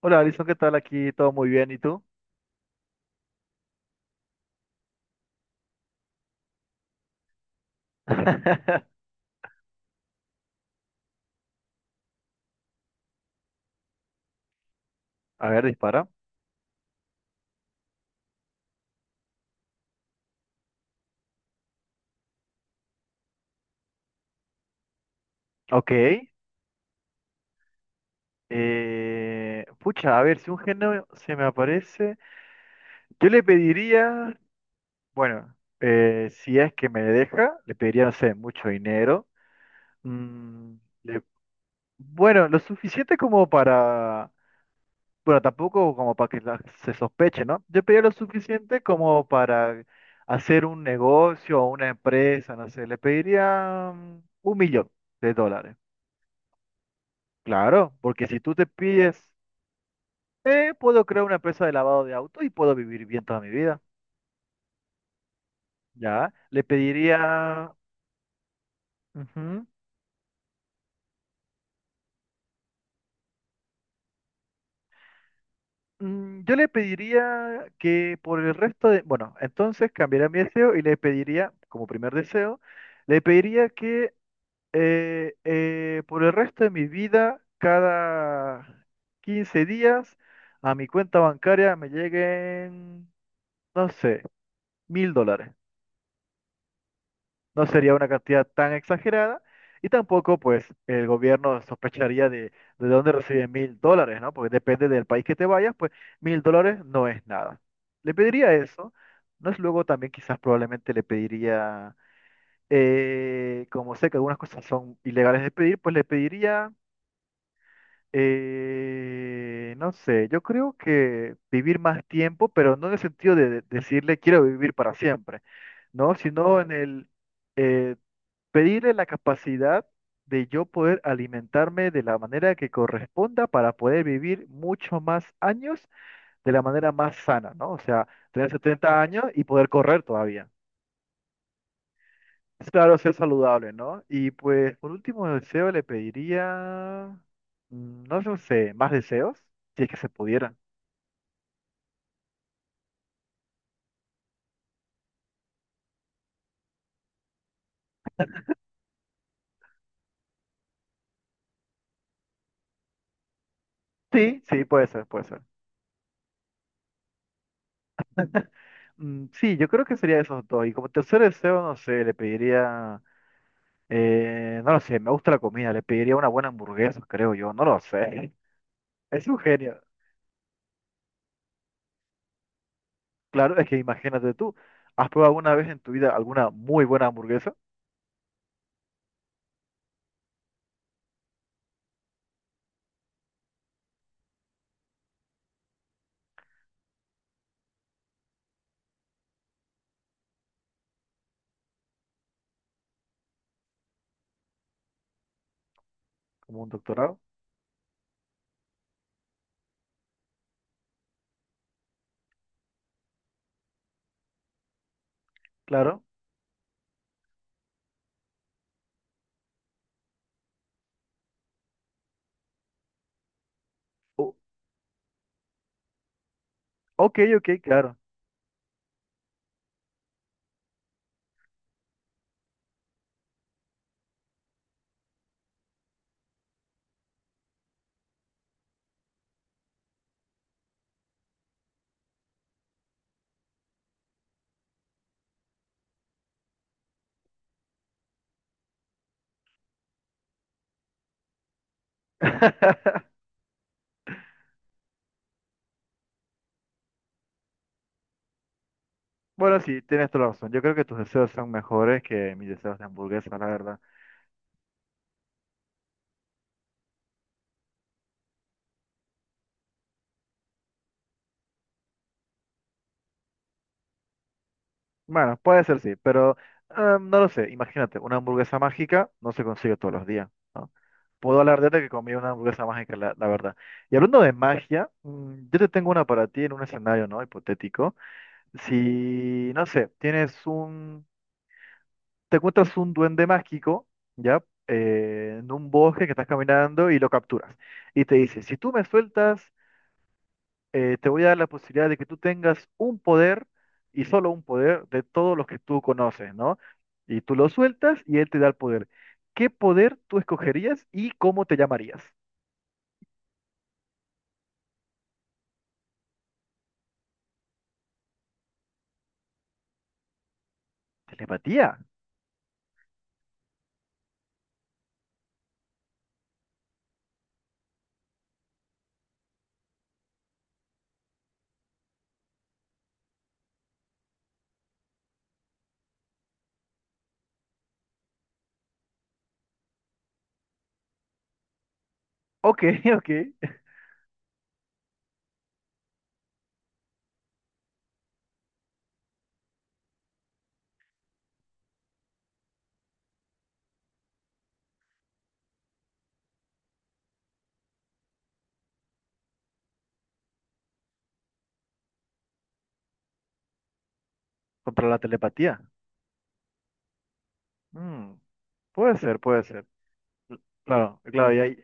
Hola, Alison, ¿qué tal? Aquí todo muy bien, ¿y tú? A ver, dispara. Ok. Pucha, a ver, si un género se me aparece, yo le pediría, bueno, si es que me deja, le pediría, no sé, mucho dinero. Mm, le- bueno, lo suficiente como para, bueno, tampoco como para que se sospeche, ¿no? Yo pediría lo suficiente como para hacer un negocio o una empresa, no sé, le pediría 1.000.000 de dólares. Claro, porque si tú te pides, puedo crear una empresa de lavado de autos y puedo vivir bien toda mi vida, ¿ya? Le pediría. Ujú. Yo le pediría que por el resto de, bueno, entonces cambiaría mi deseo y le pediría, como primer deseo, le pediría que por el resto de mi vida, cada 15 días, a mi cuenta bancaria me lleguen, no sé, 1.000 dólares. No sería una cantidad tan exagerada y tampoco pues el gobierno sospecharía de dónde recibe 1.000 dólares, ¿no? Porque depende del país que te vayas, pues 1.000 dólares no es nada. Le pediría eso. No es luego también quizás probablemente le pediría, como sé que algunas cosas son ilegales de pedir, pues le pediría, no sé, yo creo que vivir más tiempo, pero no en el sentido de decirle quiero vivir para siempre, ¿no? Sino eh, pedirle la capacidad de yo poder alimentarme de la manera que corresponda para poder vivir mucho más años de la manera más sana, ¿no? O sea, tener 70 años y poder correr todavía. Es claro, ser saludable, ¿no? Y pues por último deseo le pediría, no lo sé, más deseos, si es que se pudieran. Sí, sí, puede ser, puede ser. Mm, sí, yo creo que sería esos dos. Y como tercer deseo, no sé, le pediría. No lo sé, me gusta la comida, le pediría una buena hamburguesa, creo yo, no lo sé. Es un genio. Claro, es que imagínate tú, ¿has probado alguna vez en tu vida alguna muy buena hamburguesa? Como un doctorado, claro. O- ok, ok, claro. Bueno, sí, tienes toda la razón. Yo creo que tus deseos son mejores que mis deseos de hamburguesa, la verdad. Bueno, puede ser sí, pero no lo sé. Imagínate, una hamburguesa mágica no se consigue todos los días, ¿no? Puedo hablar de que comí una hamburguesa mágica, la verdad. Y hablando de magia, yo te tengo una para ti en un escenario, ¿no? Hipotético. Si, no sé, te encuentras un duende mágico, ¿ya? En un bosque que estás caminando y lo capturas. Y te dice, si tú me sueltas te voy a dar la posibilidad de que tú tengas un poder y solo un poder de todos los que tú conoces, ¿no? Y tú lo sueltas y él te da el poder. ¿Qué poder tú escogerías y cómo te llamarías? Telepatía. Ok, ok. Contra la telepatía. Mm, puede ser, puede ser. Claro, claro, y ahí,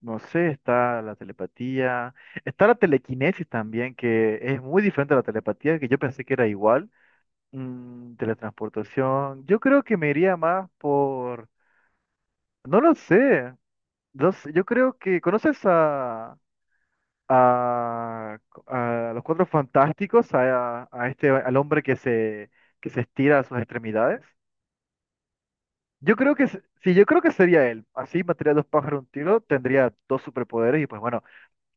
no sé, está la telepatía, está la telequinesis también, que es muy diferente a la telepatía, que yo pensé que era igual. Teletransportación, yo creo que me iría más por. No lo sé. No sé, yo creo que conoces a, a, a, los Cuatro Fantásticos, a este, al hombre que se estira a sus extremidades. Yo creo que, sí, yo creo que sería él. Así mataría dos pájaros de un tiro, tendría dos superpoderes y pues bueno,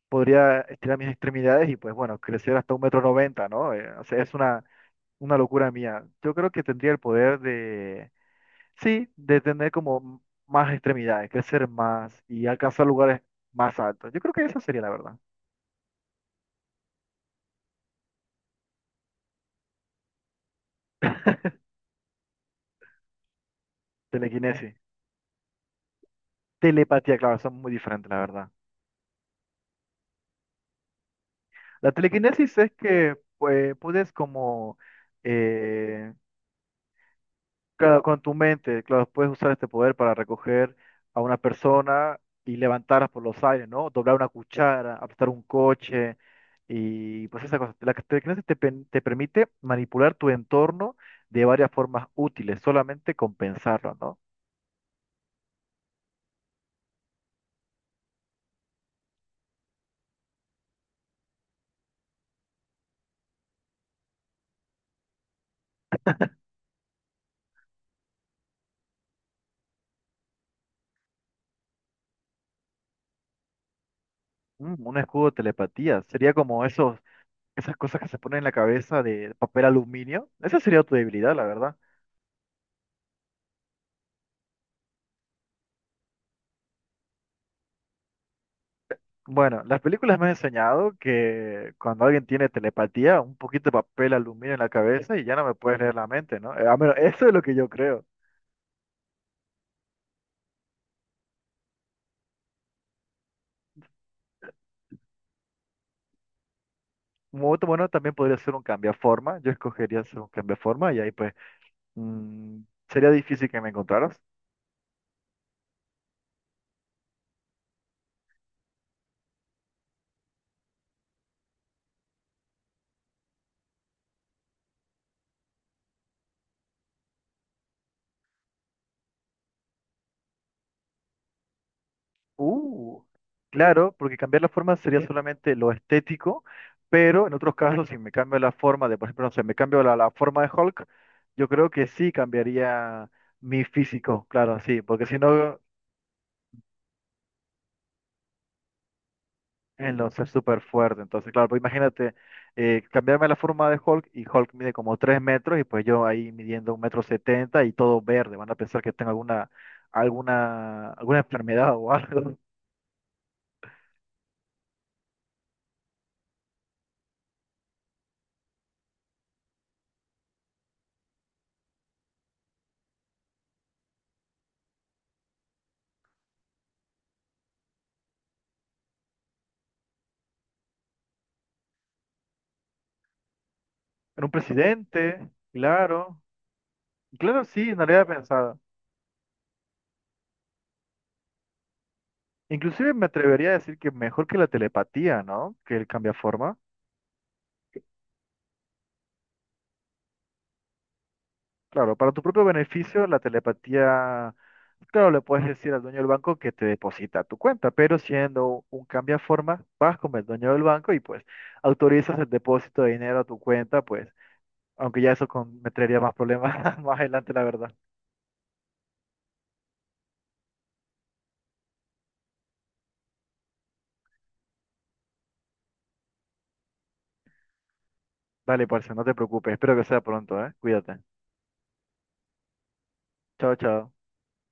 podría estirar mis extremidades y pues bueno, crecer hasta 1,90 m, ¿no? O sea, es una locura mía. Yo creo que tendría el poder. Sí, de tener como más extremidades, crecer más y alcanzar lugares más altos. Yo creo que esa sería la verdad. Telequinesis. Telepatía, claro, son muy diferentes, la verdad. La telequinesis es que, pues, puedes como. eh, Claro, con tu mente, claro, puedes usar este poder para recoger a una persona y levantarla por los aires, ¿no? Doblar una cuchara, apretar un coche y pues esa cosa. La telequinesis te permite manipular tu entorno de varias formas útiles, solamente con pensarlo, ¿no? Mm, un escudo de telepatía, sería como esos, esas cosas que se ponen en la cabeza de papel aluminio. Esa sería tu debilidad, la verdad. Bueno, las películas me han enseñado que cuando alguien tiene telepatía, un poquito de papel aluminio en la cabeza y ya no me puedes leer la mente, ¿no? A menos, eso es lo que yo creo. Un momento bueno también podría ser un cambiaforma. Yo escogería ser un cambiaforma y ahí pues mm, sería difícil que me encontraras. Uh, claro, porque cambiar la forma sería solamente lo estético, pero en otros casos si me cambio la forma de, por ejemplo, no sé, me cambio la forma de Hulk, yo creo que sí cambiaría mi físico, claro, sí, porque si no. Entonces, súper fuerte. Entonces, claro, pues imagínate, cambiarme la forma de Hulk y Hulk mide como 3 metros y pues yo ahí midiendo 1,70 m y todo verde. Van a pensar que tengo alguna enfermedad o algo. En un presidente, claro. Claro, sí, no lo había pensado. Inclusive me atrevería a decir que mejor que la telepatía, ¿no? Que el cambia. Claro, para tu propio beneficio, la telepatía, claro, le puedes decir al dueño del banco que te deposita a tu cuenta, pero siendo un forma, vas con el dueño del banco y pues autorizas el depósito de dinero a tu cuenta, pues, aunque ya eso me traería más problemas más adelante, la verdad. Dale, parce, no te preocupes, espero que sea pronto, ¿eh? Cuídate. Chao, chao.